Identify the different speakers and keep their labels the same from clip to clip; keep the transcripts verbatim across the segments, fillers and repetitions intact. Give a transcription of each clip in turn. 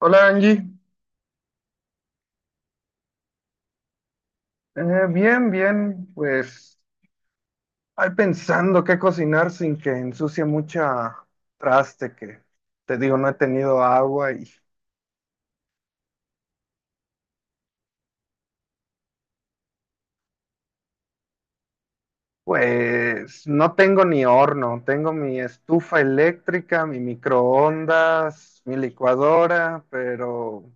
Speaker 1: Hola Angie. Eh, Bien, bien, pues ahí pensando qué cocinar sin que ensucie mucha traste, que te digo, no he tenido agua y pues no tengo ni horno, tengo mi estufa eléctrica, mi microondas, mi licuadora, pero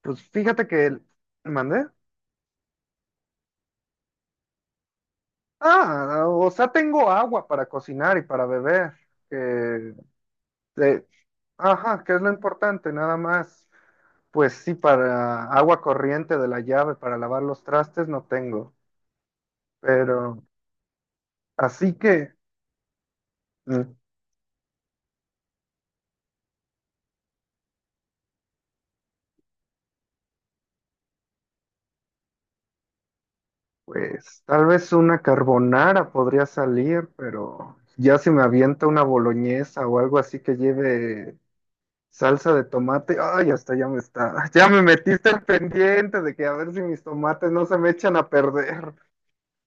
Speaker 1: pues fíjate que mandé. Ah, o sea, tengo agua para cocinar y para beber, que eh, ajá, que es lo importante, nada más. Pues sí, para agua corriente de la llave, para lavar los trastes no tengo, pero así que, mm, pues tal vez una carbonara podría salir, pero ya si me avienta una boloñesa o algo así que lleve salsa de tomate, ay, hasta ya me está, ya me metiste al pendiente de que a ver si mis tomates no se me echan a perder,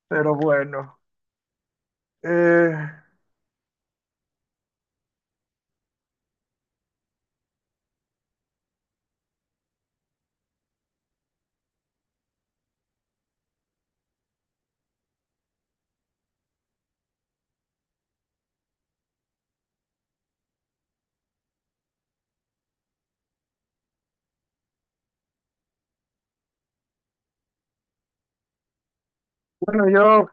Speaker 1: pero bueno. eh, bueno, yo,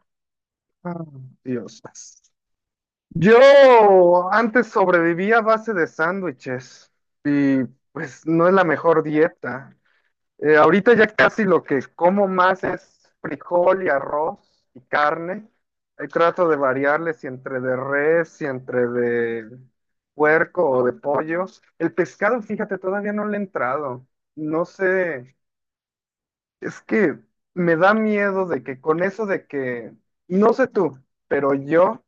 Speaker 1: ah, Dios. Yo antes sobrevivía a base de sándwiches y pues no es la mejor dieta. Eh, ahorita ya casi lo que como más es frijol y arroz y carne. Ahí trato de variarles si entre de res, si entre de puerco o de pollo. El pescado, fíjate, todavía no le he entrado. No sé, es que me da miedo de que con eso de que, no sé tú, pero yo...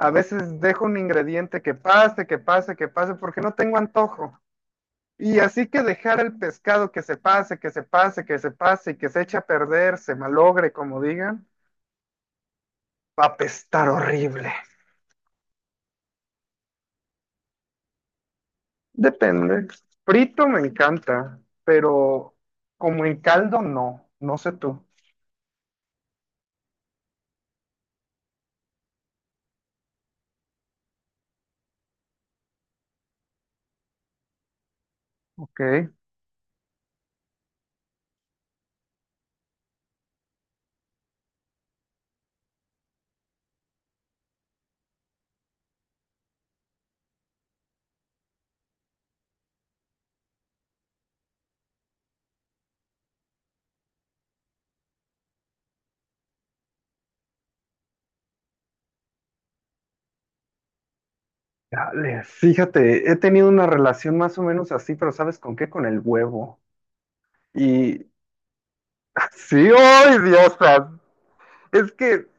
Speaker 1: A veces dejo un ingrediente que pase, que pase, que pase, porque no tengo antojo. Y así que dejar el pescado que se pase, que se pase, que se pase y que se eche a perder, se malogre, como digan, va a apestar horrible. Depende. Frito me encanta, pero como en caldo no. No sé tú. Ok. Dale, fíjate, he tenido una relación más o menos así, pero ¿sabes con qué? Con el huevo. Y sí, ¡ay, Dios! Es que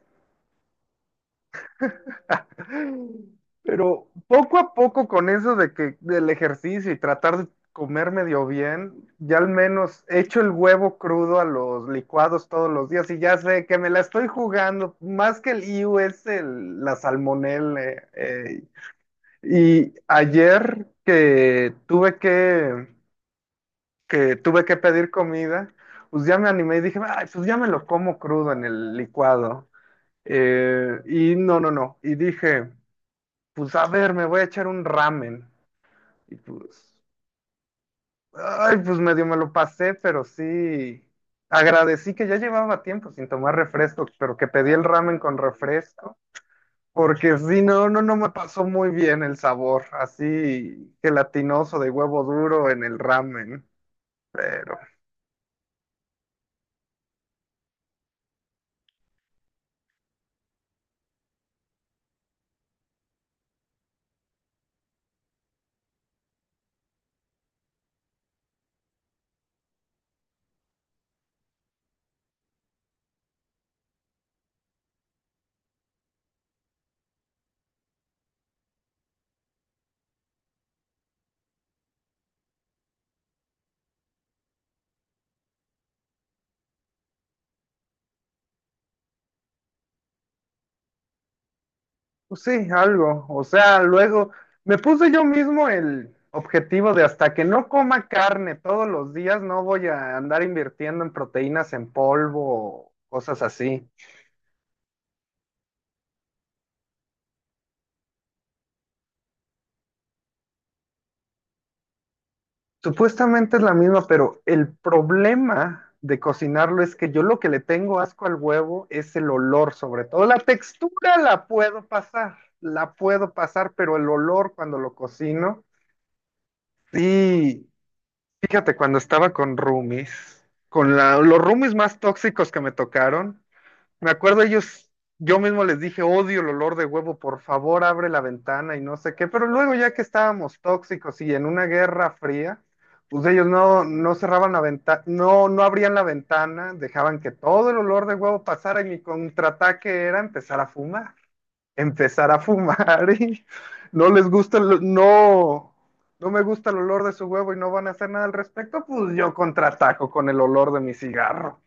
Speaker 1: pero poco a poco con eso de que del ejercicio y tratar de comer medio bien, ya al menos echo el huevo crudo a los licuados todos los días y ya sé que me la estoy jugando, más que el I U es el, la salmonela. eh, eh. Y ayer que tuve que, que tuve que pedir comida, pues ya me animé y dije, "Ay, pues ya me lo como crudo en el licuado. Eh, y no, no, no. Y dije, pues a ver, me voy a echar un ramen. Y pues, ay, pues medio me lo pasé, pero sí agradecí que ya llevaba tiempo sin tomar refresco, pero que pedí el ramen con refresco, porque sí, no, no, no me pasó muy bien el sabor, así gelatinoso de huevo duro en el ramen, pero pues sí, algo. O sea, luego me puse yo mismo el objetivo de hasta que no coma carne todos los días, no voy a andar invirtiendo en proteínas en polvo o cosas así. Supuestamente es la misma, pero el problema de cocinarlo es que yo lo que le tengo asco al huevo es el olor, sobre todo la textura la puedo pasar, la puedo pasar, pero el olor cuando lo cocino, sí. Fíjate, cuando estaba con roomies, con la- los roomies más tóxicos que me tocaron, me acuerdo ellos, yo mismo les dije, odio el olor de huevo, por favor abre la ventana y no sé qué, pero luego ya que estábamos tóxicos y en una guerra fría, pues ellos no, no cerraban la ventana, no, no abrían la ventana, dejaban que todo el olor de huevo pasara y mi contraataque era empezar a fumar empezar a fumar y no les gusta, el- no, no me gusta el olor de su huevo y no van a hacer nada al respecto, pues yo contraataco con el olor de mi cigarro.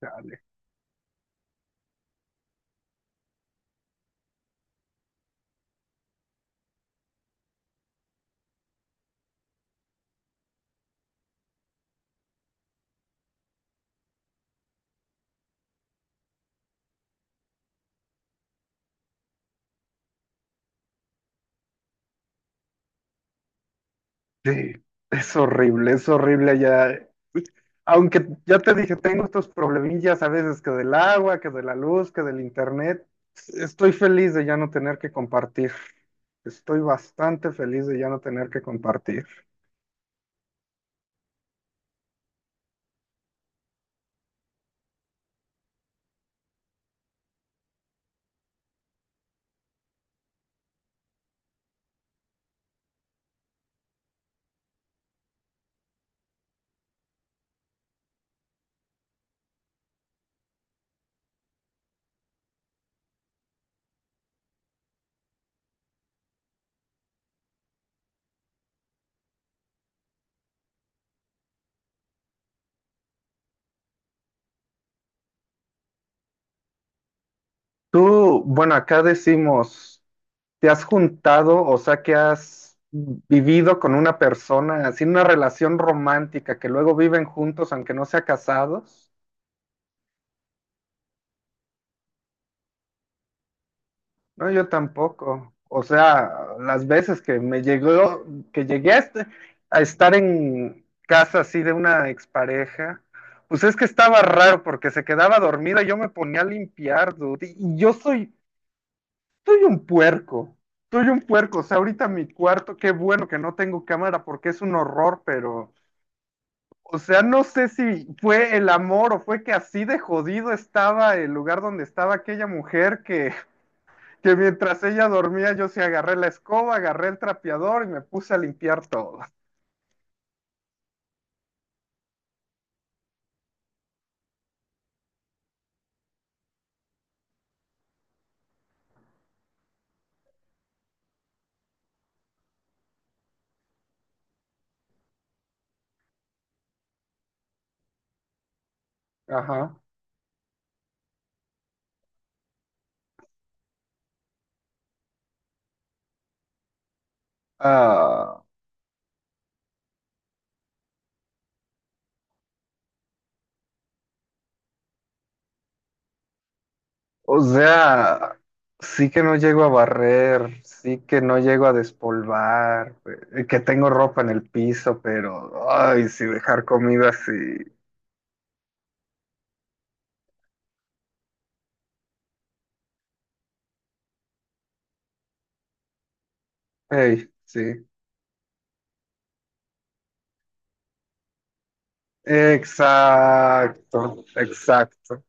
Speaker 1: Chale. Sí, es horrible, es horrible ya. Aunque ya te dije, tengo estos problemillas a veces que del agua, que de la luz, que del internet. Estoy feliz de ya no tener que compartir. Estoy bastante feliz de ya no tener que compartir. Tú, bueno, acá decimos, ¿te has juntado, o sea, que has vivido con una persona, así una relación romántica, que luego viven juntos aunque no sea casados? No, yo tampoco. O sea, las veces que me llegó, que llegué a, este- a estar en casa así de una expareja, pues es que estaba raro porque se quedaba dormida y yo me ponía a limpiar, dude, y yo soy, soy un puerco. Soy un puerco, o sea, ahorita mi cuarto, qué bueno que no tengo cámara porque es un horror, pero o sea, no sé si fue el amor o fue que así de jodido estaba el lugar donde estaba aquella mujer que, que mientras ella dormía yo sí agarré la escoba, agarré el trapeador y me puse a limpiar todo. Ajá. Ah, o sea, sí que no llego a barrer, sí que no llego a despolvar, eh, que tengo ropa en el piso, pero, ay, sí, dejar comida así. Ey, sí. Exacto, exacto.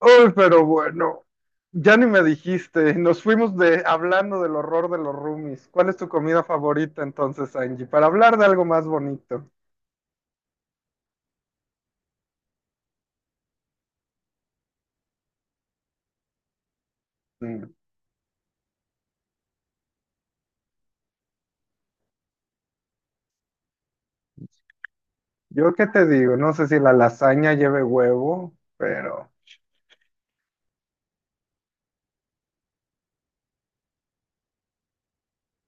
Speaker 1: Uy, pero bueno, ya ni me dijiste, nos fuimos de hablando del horror de los roomies. ¿Cuál es tu comida favorita entonces, Angie? Para hablar de algo más bonito. Mm, yo qué te digo, no sé si la lasaña lleve huevo, pero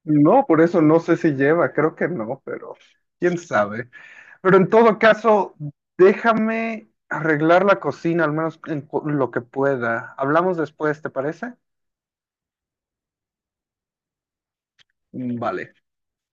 Speaker 1: no, por eso no sé si lleva, creo que no, pero quién sabe. Pero en todo caso, déjame arreglar la cocina, al menos en cu- lo que pueda. Hablamos después, ¿te parece? Vale.